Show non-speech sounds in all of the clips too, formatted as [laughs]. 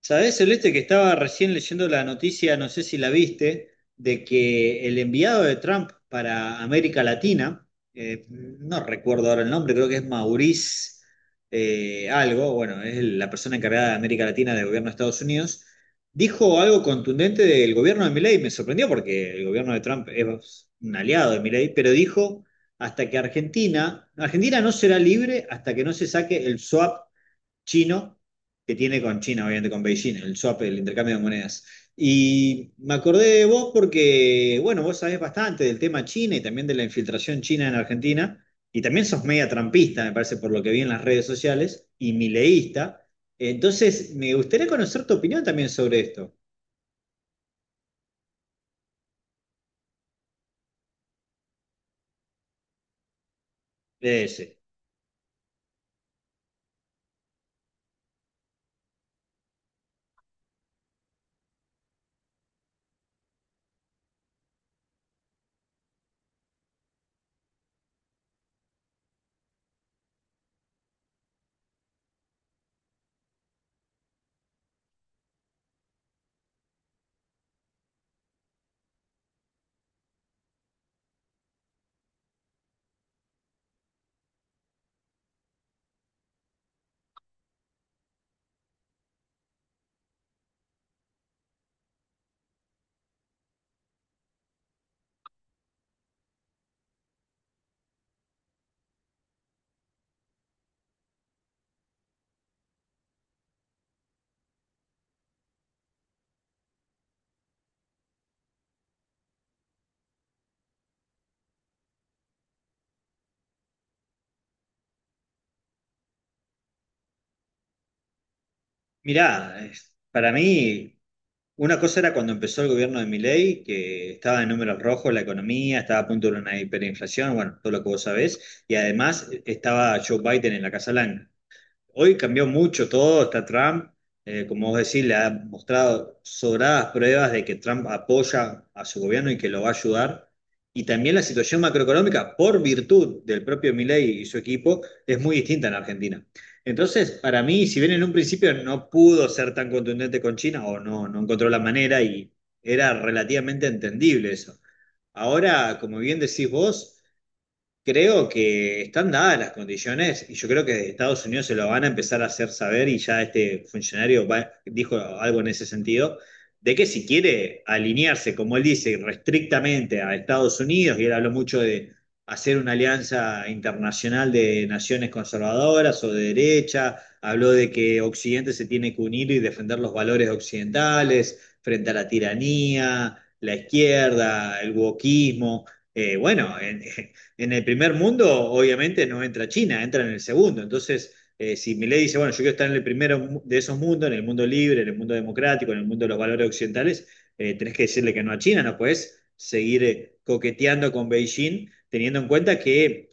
¿Sabés, Celeste, que estaba recién leyendo la noticia, no sé si la viste, de que el enviado de Trump para América Latina, no recuerdo ahora el nombre, creo que es Maurice algo, bueno, es la persona encargada de América Latina del gobierno de Estados Unidos, dijo algo contundente del gobierno de Milei. Me sorprendió porque el gobierno de Trump es un aliado de Milei, pero dijo hasta que Argentina no será libre hasta que no se saque el swap chino que tiene con China, obviamente con Beijing, el swap, el intercambio de monedas. Y me acordé de vos porque, bueno, vos sabés bastante del tema China y también de la infiltración china en Argentina, y también sos media trampista, me parece, por lo que vi en las redes sociales, y mileísta. Entonces, me gustaría conocer tu opinión también sobre esto. Es, mirá, para mí... Una cosa era cuando empezó el gobierno de Milei, que estaba en números rojos la economía, estaba a punto de una hiperinflación, bueno, todo lo que vos sabés, y además estaba Joe Biden en la Casa Blanca. Hoy cambió mucho todo, está Trump, como vos decís, le ha mostrado sobradas pruebas de que Trump apoya a su gobierno y que lo va a ayudar. Y también la situación macroeconómica, por virtud del propio Milei y su equipo, es muy distinta en Argentina. Entonces, para mí, si bien en un principio no pudo ser tan contundente con China o no, no encontró la manera y era relativamente entendible eso. Ahora, como bien decís vos, creo que están dadas las condiciones y yo creo que Estados Unidos se lo van a empezar a hacer saber y ya este funcionario dijo algo en ese sentido, de que si quiere alinearse, como él dice, restrictamente a Estados Unidos. Y él habló mucho de hacer una alianza internacional de naciones conservadoras o de derecha, habló de que Occidente se tiene que unir y defender los valores occidentales frente a la tiranía, la izquierda, el wokismo. Bueno, [laughs] en el primer mundo, obviamente no entra China, entra en el segundo. Entonces, si Milei dice, bueno, yo quiero estar en el primero de esos mundos, en el mundo libre, en el mundo democrático, en el mundo de los valores occidentales, tenés que decirle que no a China, no puedes seguir coqueteando con Beijing, teniendo en cuenta que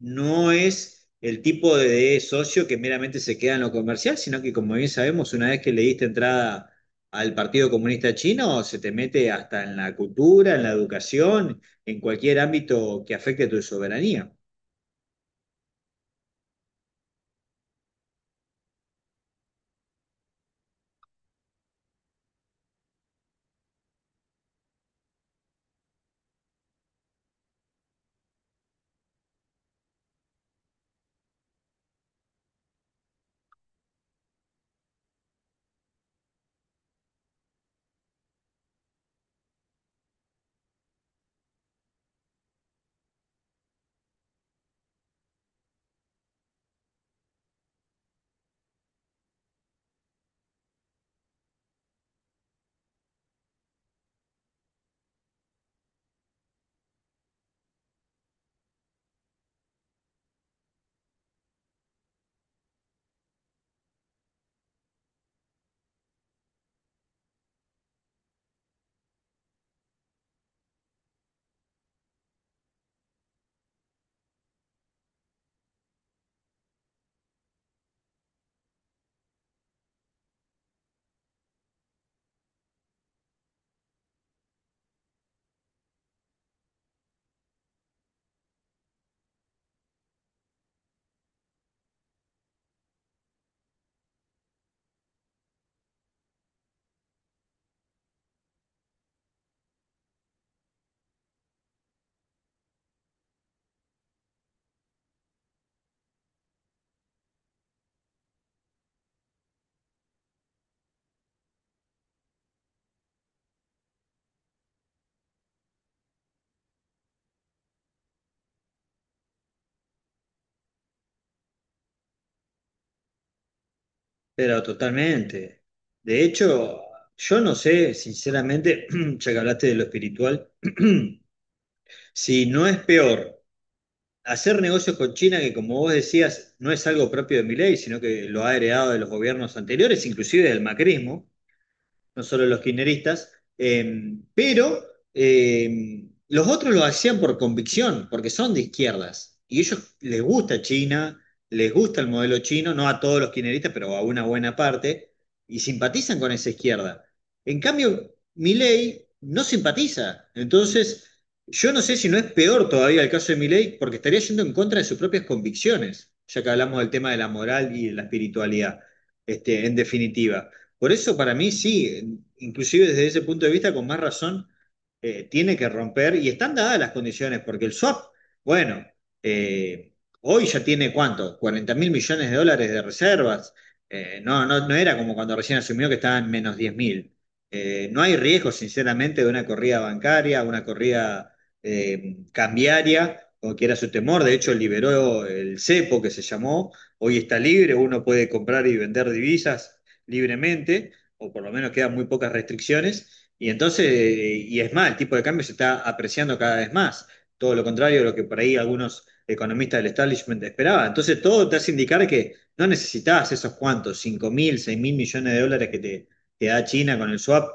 no es el tipo de socio que meramente se queda en lo comercial, sino que como bien sabemos, una vez que le diste entrada al Partido Comunista Chino, se te mete hasta en la cultura, en la educación, en cualquier ámbito que afecte a tu soberanía. Pero totalmente. De hecho, yo no sé, sinceramente, [clears throat] ya que hablaste de lo espiritual, [clears throat] si no es peor. Hacer negocios con China, que como vos decías, no es algo propio de Milei, sino que lo ha heredado de los gobiernos anteriores, inclusive del macrismo, no solo los kirchneristas, pero los otros lo hacían por convicción, porque son de izquierdas, y ellos les gusta China, les gusta el modelo chino, no a todos los kirchneristas, pero a una buena parte, y simpatizan con esa izquierda. En cambio, Milei no simpatiza, entonces... Yo no sé si no es peor todavía el caso de Milei, porque estaría yendo en contra de sus propias convicciones, ya que hablamos del tema de la moral y de la espiritualidad, este, en definitiva. Por eso para mí sí, inclusive desde ese punto de vista, con más razón, tiene que romper y están dadas las condiciones, porque el swap, bueno, eh, hoy ya tiene cuánto, 40.000 millones de dólares de reservas. No, no, no era como cuando recién asumió que estaban menos 10.000. No hay riesgo, sinceramente, de una corrida bancaria, una corrida cambiaria, como quiera su temor. De hecho, liberó el cepo que se llamó. Hoy está libre, uno puede comprar y vender divisas libremente, o por lo menos quedan muy pocas restricciones, y entonces, y es más, el tipo de cambio se está apreciando cada vez más, todo lo contrario de lo que por ahí algunos economistas del establishment esperaban. Entonces, todo te hace indicar que no necesitas esos cuantos, 5.000, 6.000 millones de dólares que te da China con el swap.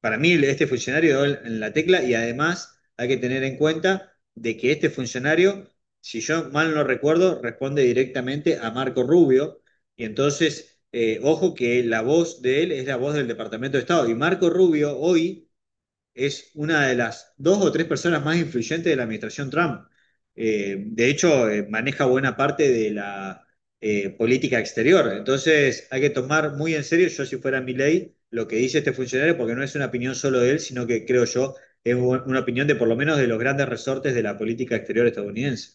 Para mí este funcionario dio en la tecla y además hay que tener en cuenta de que este funcionario, si yo mal no recuerdo, responde directamente a Marco Rubio y entonces, ojo que la voz de él es la voz del Departamento de Estado y Marco Rubio hoy es una de las dos o tres personas más influyentes de la administración Trump. De hecho, maneja buena parte de la política exterior. Entonces, hay que tomar muy en serio, yo si fuera mi ley, lo que dice este funcionario, porque no es una opinión solo de él, sino que creo yo es una opinión de por lo menos de los grandes resortes de la política exterior estadounidense.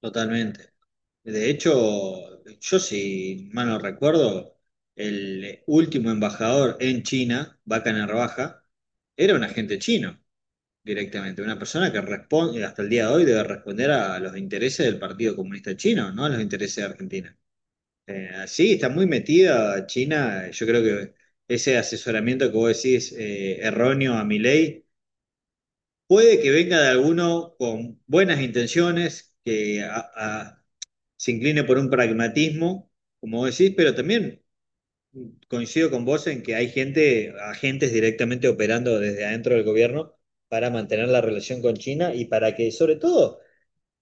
Totalmente. De hecho, yo si mal no recuerdo, el último embajador en China, Vaca Narvaja, era un agente chino directamente, una persona que responde, hasta el día de hoy debe responder a los intereses del Partido Comunista Chino, no a los intereses de Argentina. Sí, está muy metida China. Yo creo que ese asesoramiento que vos decís erróneo a mi ley puede que venga de alguno con buenas intenciones, que se incline por un pragmatismo, como decís, pero también coincido con vos en que hay gente, agentes directamente operando desde adentro del gobierno para mantener la relación con China y para que, sobre todo,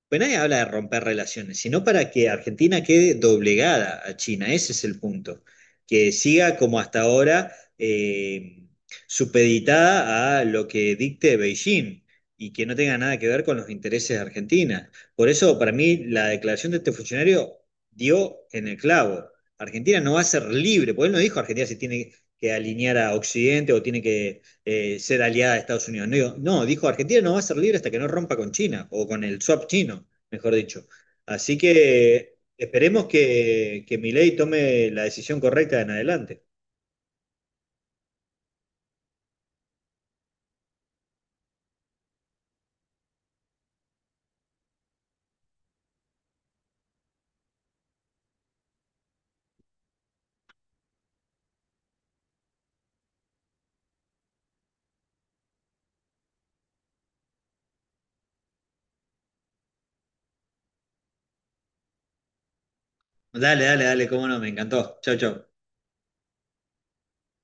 pues nadie habla de romper relaciones, sino para que Argentina quede doblegada a China. Ese es el punto. Que siga como hasta ahora eh, supeditada a lo que dicte Beijing y que no tenga nada que ver con los intereses de Argentina. Por eso, para mí, la declaración de este funcionario dio en el clavo. Argentina no va a ser libre, porque él no dijo Argentina se tiene que alinear a Occidente o tiene que ser aliada de Estados Unidos. No, digo, no, dijo Argentina no va a ser libre hasta que no rompa con China o con el swap chino, mejor dicho. Así que esperemos que Milei tome la decisión correcta en adelante. Dale, dale, dale, cómo no, me encantó. Chau, chau.